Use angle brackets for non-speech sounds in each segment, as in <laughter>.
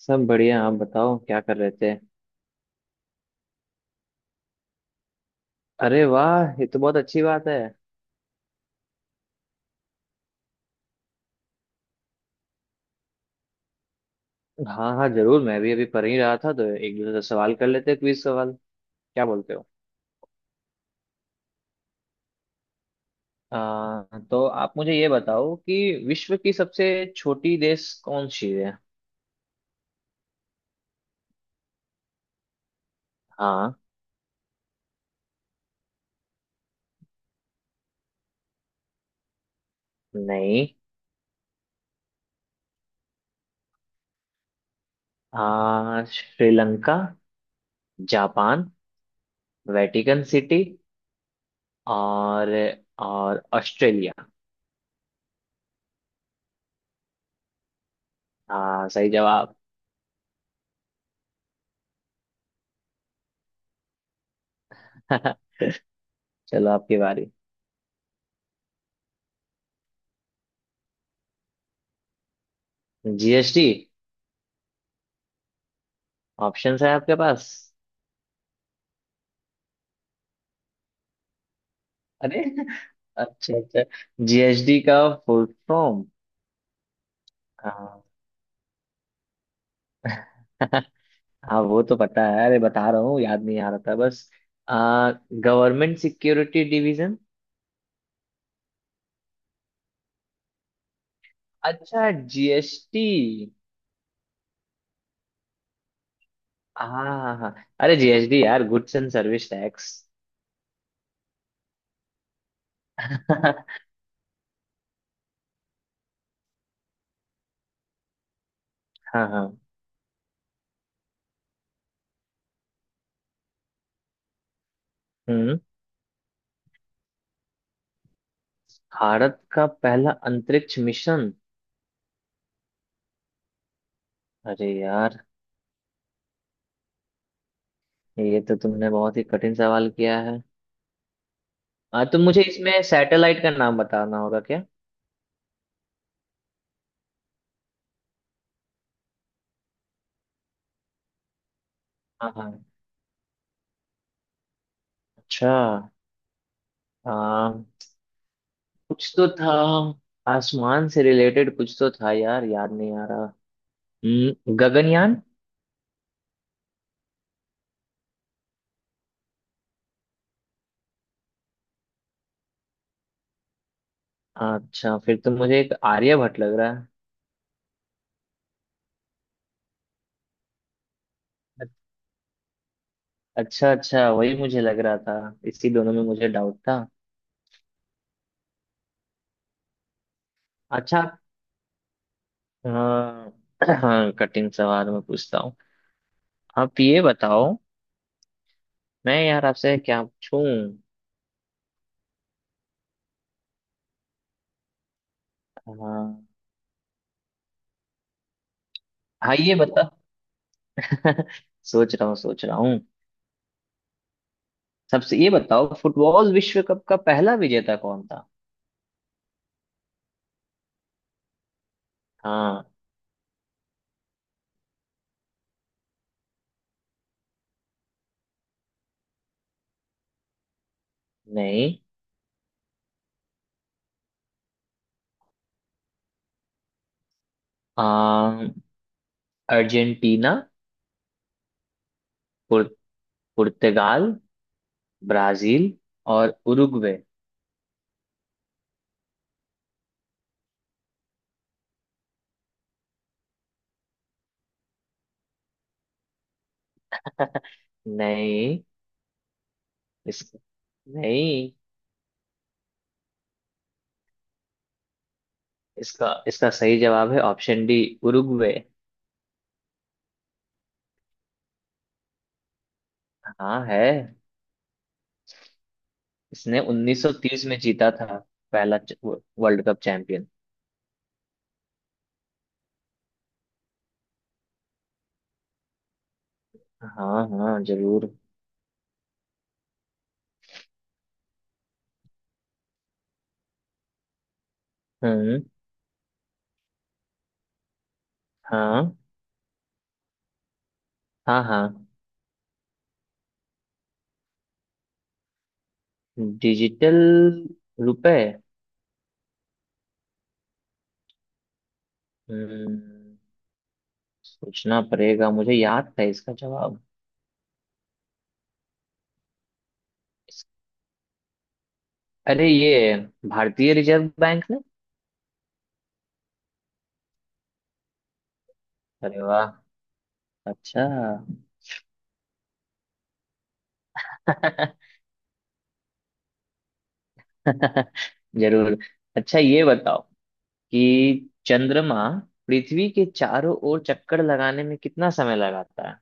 सब बढ़िया। आप बताओ क्या कर रहे थे? अरे वाह, ये तो बहुत अच्छी बात है। हाँ हाँ, जरूर। मैं भी अभी पढ़ ही रहा था, तो एक दूसरे से सवाल कर लेते, क्विज सवाल। क्या बोलते हो? तो आप मुझे ये बताओ कि विश्व की सबसे छोटी देश कौन सी है? हाँ। नहीं। श्रीलंका, जापान, वेटिकन सिटी और और ऑस्ट्रेलिया। हाँ, सही जवाब। <laughs> चलो, आपकी बारी। जीएसटी। ऑप्शंस है आपके पास? अरे। अच्छा अच्छा। जीएसटी का फुल फॉर्म। हाँ। <laughs> हाँ, वो तो पता है, अरे बता रहा हूँ, याद नहीं आ रहा था बस। आ गवर्नमेंट सिक्योरिटी डिवीजन। अच्छा, जीएसटी। हाँ हाँ हाँ। अरे जीएसटी यार, गुड्स एंड सर्विस टैक्स। <laughs> हाँ। हाँ। हम्म। भारत का पहला अंतरिक्ष मिशन। अरे यार, ये तो तुमने बहुत ही कठिन सवाल किया है। तुम मुझे इसमें सैटेलाइट का नाम बताना होगा क्या? हाँ हाँ। अच्छा। हाँ। कुछ तो था, आसमान से रिलेटेड कुछ तो था यार, याद नहीं आ रहा। गगनयान। अच्छा, फिर तो मुझे एक आर्यभट्ट लग रहा है। अच्छा अच्छा, वही मुझे लग रहा था। इसी दोनों में मुझे डाउट था। अच्छा, हाँ। <clears throat> हाँ, कठिन सवाल मैं पूछता हूँ। आप ये बताओ। मैं यार आपसे क्या पूछूं? हाँ। हाँ, ये बता। <laughs> सोच रहा हूँ, सोच रहा हूँ। सबसे ये बताओ, फुटबॉल विश्व कप का पहला विजेता कौन था? हाँ। नहीं। अम, अर्जेंटीना। पुर, पुर्तगाल। ब्राजील। और उरुग्वे। <laughs> नहीं। इस नहीं। इसका इसका सही जवाब है, ऑप्शन डी। उरुग्वे। हाँ, है। इसने 1930 में जीता था। पहला वर्ल्ड कप चैंपियन। हाँ हाँ, जरूर। हम्म। हाँ हाँ हाँ। डिजिटल रुपए। हम्म। सोचना पड़ेगा, मुझे याद था इसका जवाब। अरे ये, भारतीय रिजर्व बैंक ने। अरे वाह। अच्छा। <laughs> जरूर। अच्छा, ये बताओ कि चंद्रमा पृथ्वी के चारों ओर चक्कर लगाने में कितना समय लगाता है?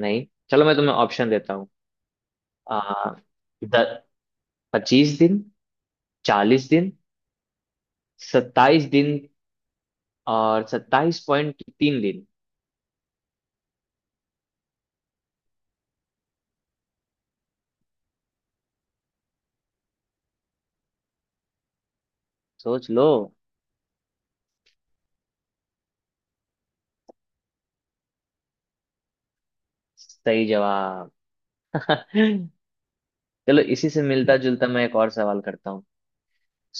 नहीं, चलो मैं तुम्हें ऑप्शन देता हूँ। आ द, 25 दिन, 40 दिन, 27 दिन और 27.3 दिन। सोच लो। सही जवाब। <laughs> चलो, इसी से मिलता जुलता मैं एक और सवाल करता हूँ।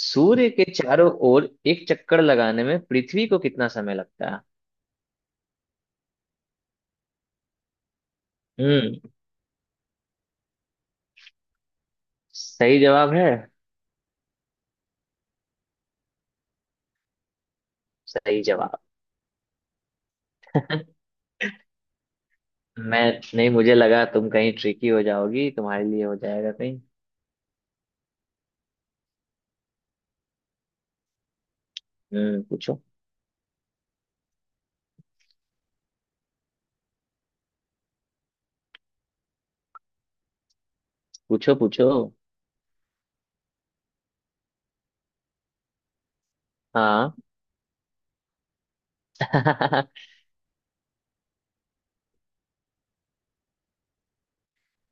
सूर्य के चारों ओर एक चक्कर लगाने में पृथ्वी को कितना समय लगता है? हम्म। सही जवाब है। सही जवाब। मैं नहीं, मुझे लगा तुम कहीं ट्रिकी हो जाओगी, तुम्हारे लिए हो जाएगा कहीं। हम्म, पूछो। पूछो पूछो। हाँ। <laughs> हाँ।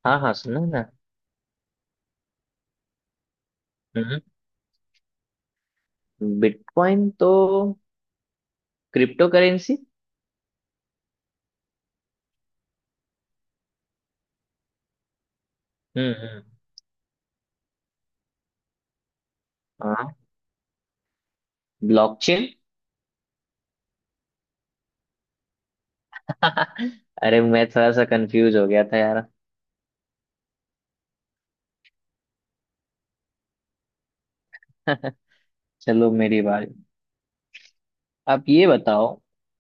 हाँ, सुनो ना। हम्म। बिटकॉइन तो क्रिप्टो करेंसी। हम्म। हाँ। ब्लॉकचेन। <laughs> अरे, मैं थोड़ा सा कंफ्यूज हो गया था यार। <laughs> चलो, मेरी बारी। आप ये बताओ।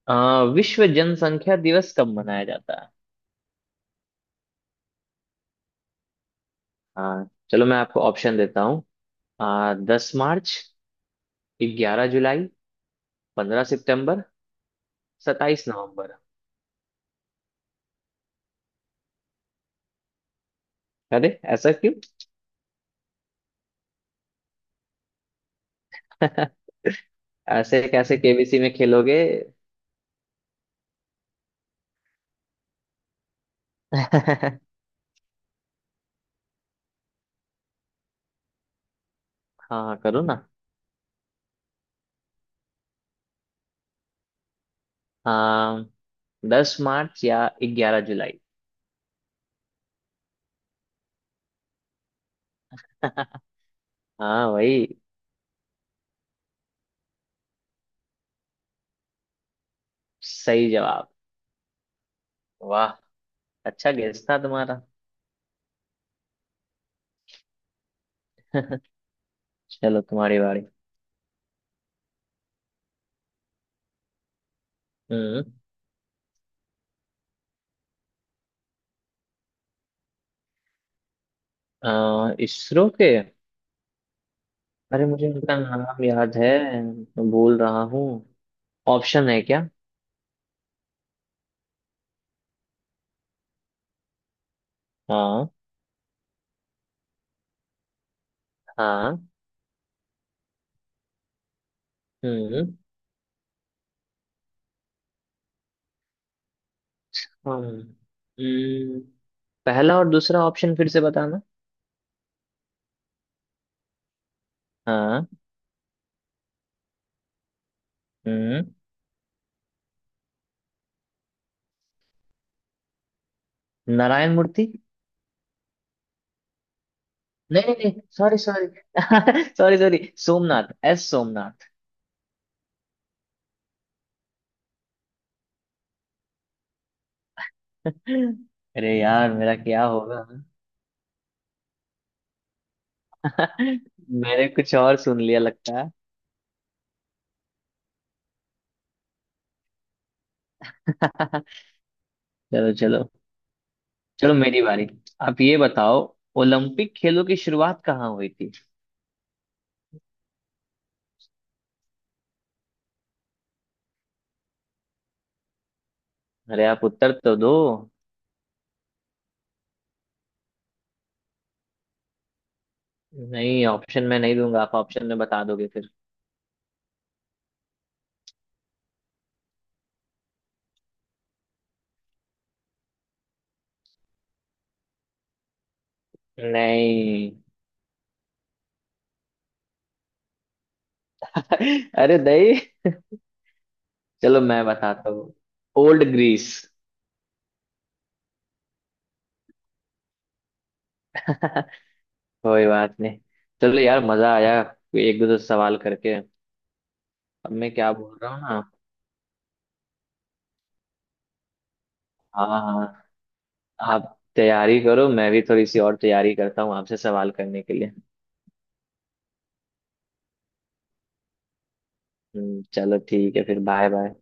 अ, विश्व जनसंख्या दिवस कब मनाया जाता है? आ, चलो मैं आपको ऑप्शन देता हूँ। 10 मार्च, 11 जुलाई, 15 सितंबर, 27 नवंबर। अरे, ऐसा क्यों? <laughs> ऐसे कैसे केबीसी में खेलोगे? <laughs> हाँ। करो ना। आ, 10 मार्च या 11 जुलाई। <laughs> हाँ वही। सही जवाब। वाह। अच्छा गेस था तुम्हारा। चलो, तुम्हारी बारी। हम्म। इसरो के। अरे, मुझे उनका नाम याद है। मैं भूल रहा हूँ। ऑप्शन है क्या? हाँ। हाँ। हम्म। हम, हम्म। पहला और दूसरा ऑप्शन फिर से बताना। हाँ। हम्म। नारायण मूर्ति। नहीं नहीं नहीं, sorry sorry. <laughs> Sorry sorry. Somnath, S Somnath. अरे यार, मेरा क्या होगा? <laughs> मैंने कुछ और सुन लिया लगता है। <laughs> चलो चलो। चलो, मेरी बारी। आप ये बताओ। ओलंपिक खेलों की शुरुआत कहाँ हुई थी? अरे, आप उत्तर तो दो। नहीं, ऑप्शन में नहीं दूंगा, आप ऑप्शन में बता दोगे फिर। नहीं। <laughs> अरे नहीं। चलो मैं बताता हूँ। Old Greece. <laughs> कोई बात नहीं। चलो यार, मजा आया। एक दो दो सवाल करके। अब मैं क्या बोल रहा हूँ ना। हाँ हाँ। आप तैयारी करो, मैं भी थोड़ी सी और तैयारी करता हूँ आपसे सवाल करने के लिए। चलो ठीक है, फिर बाय बाय।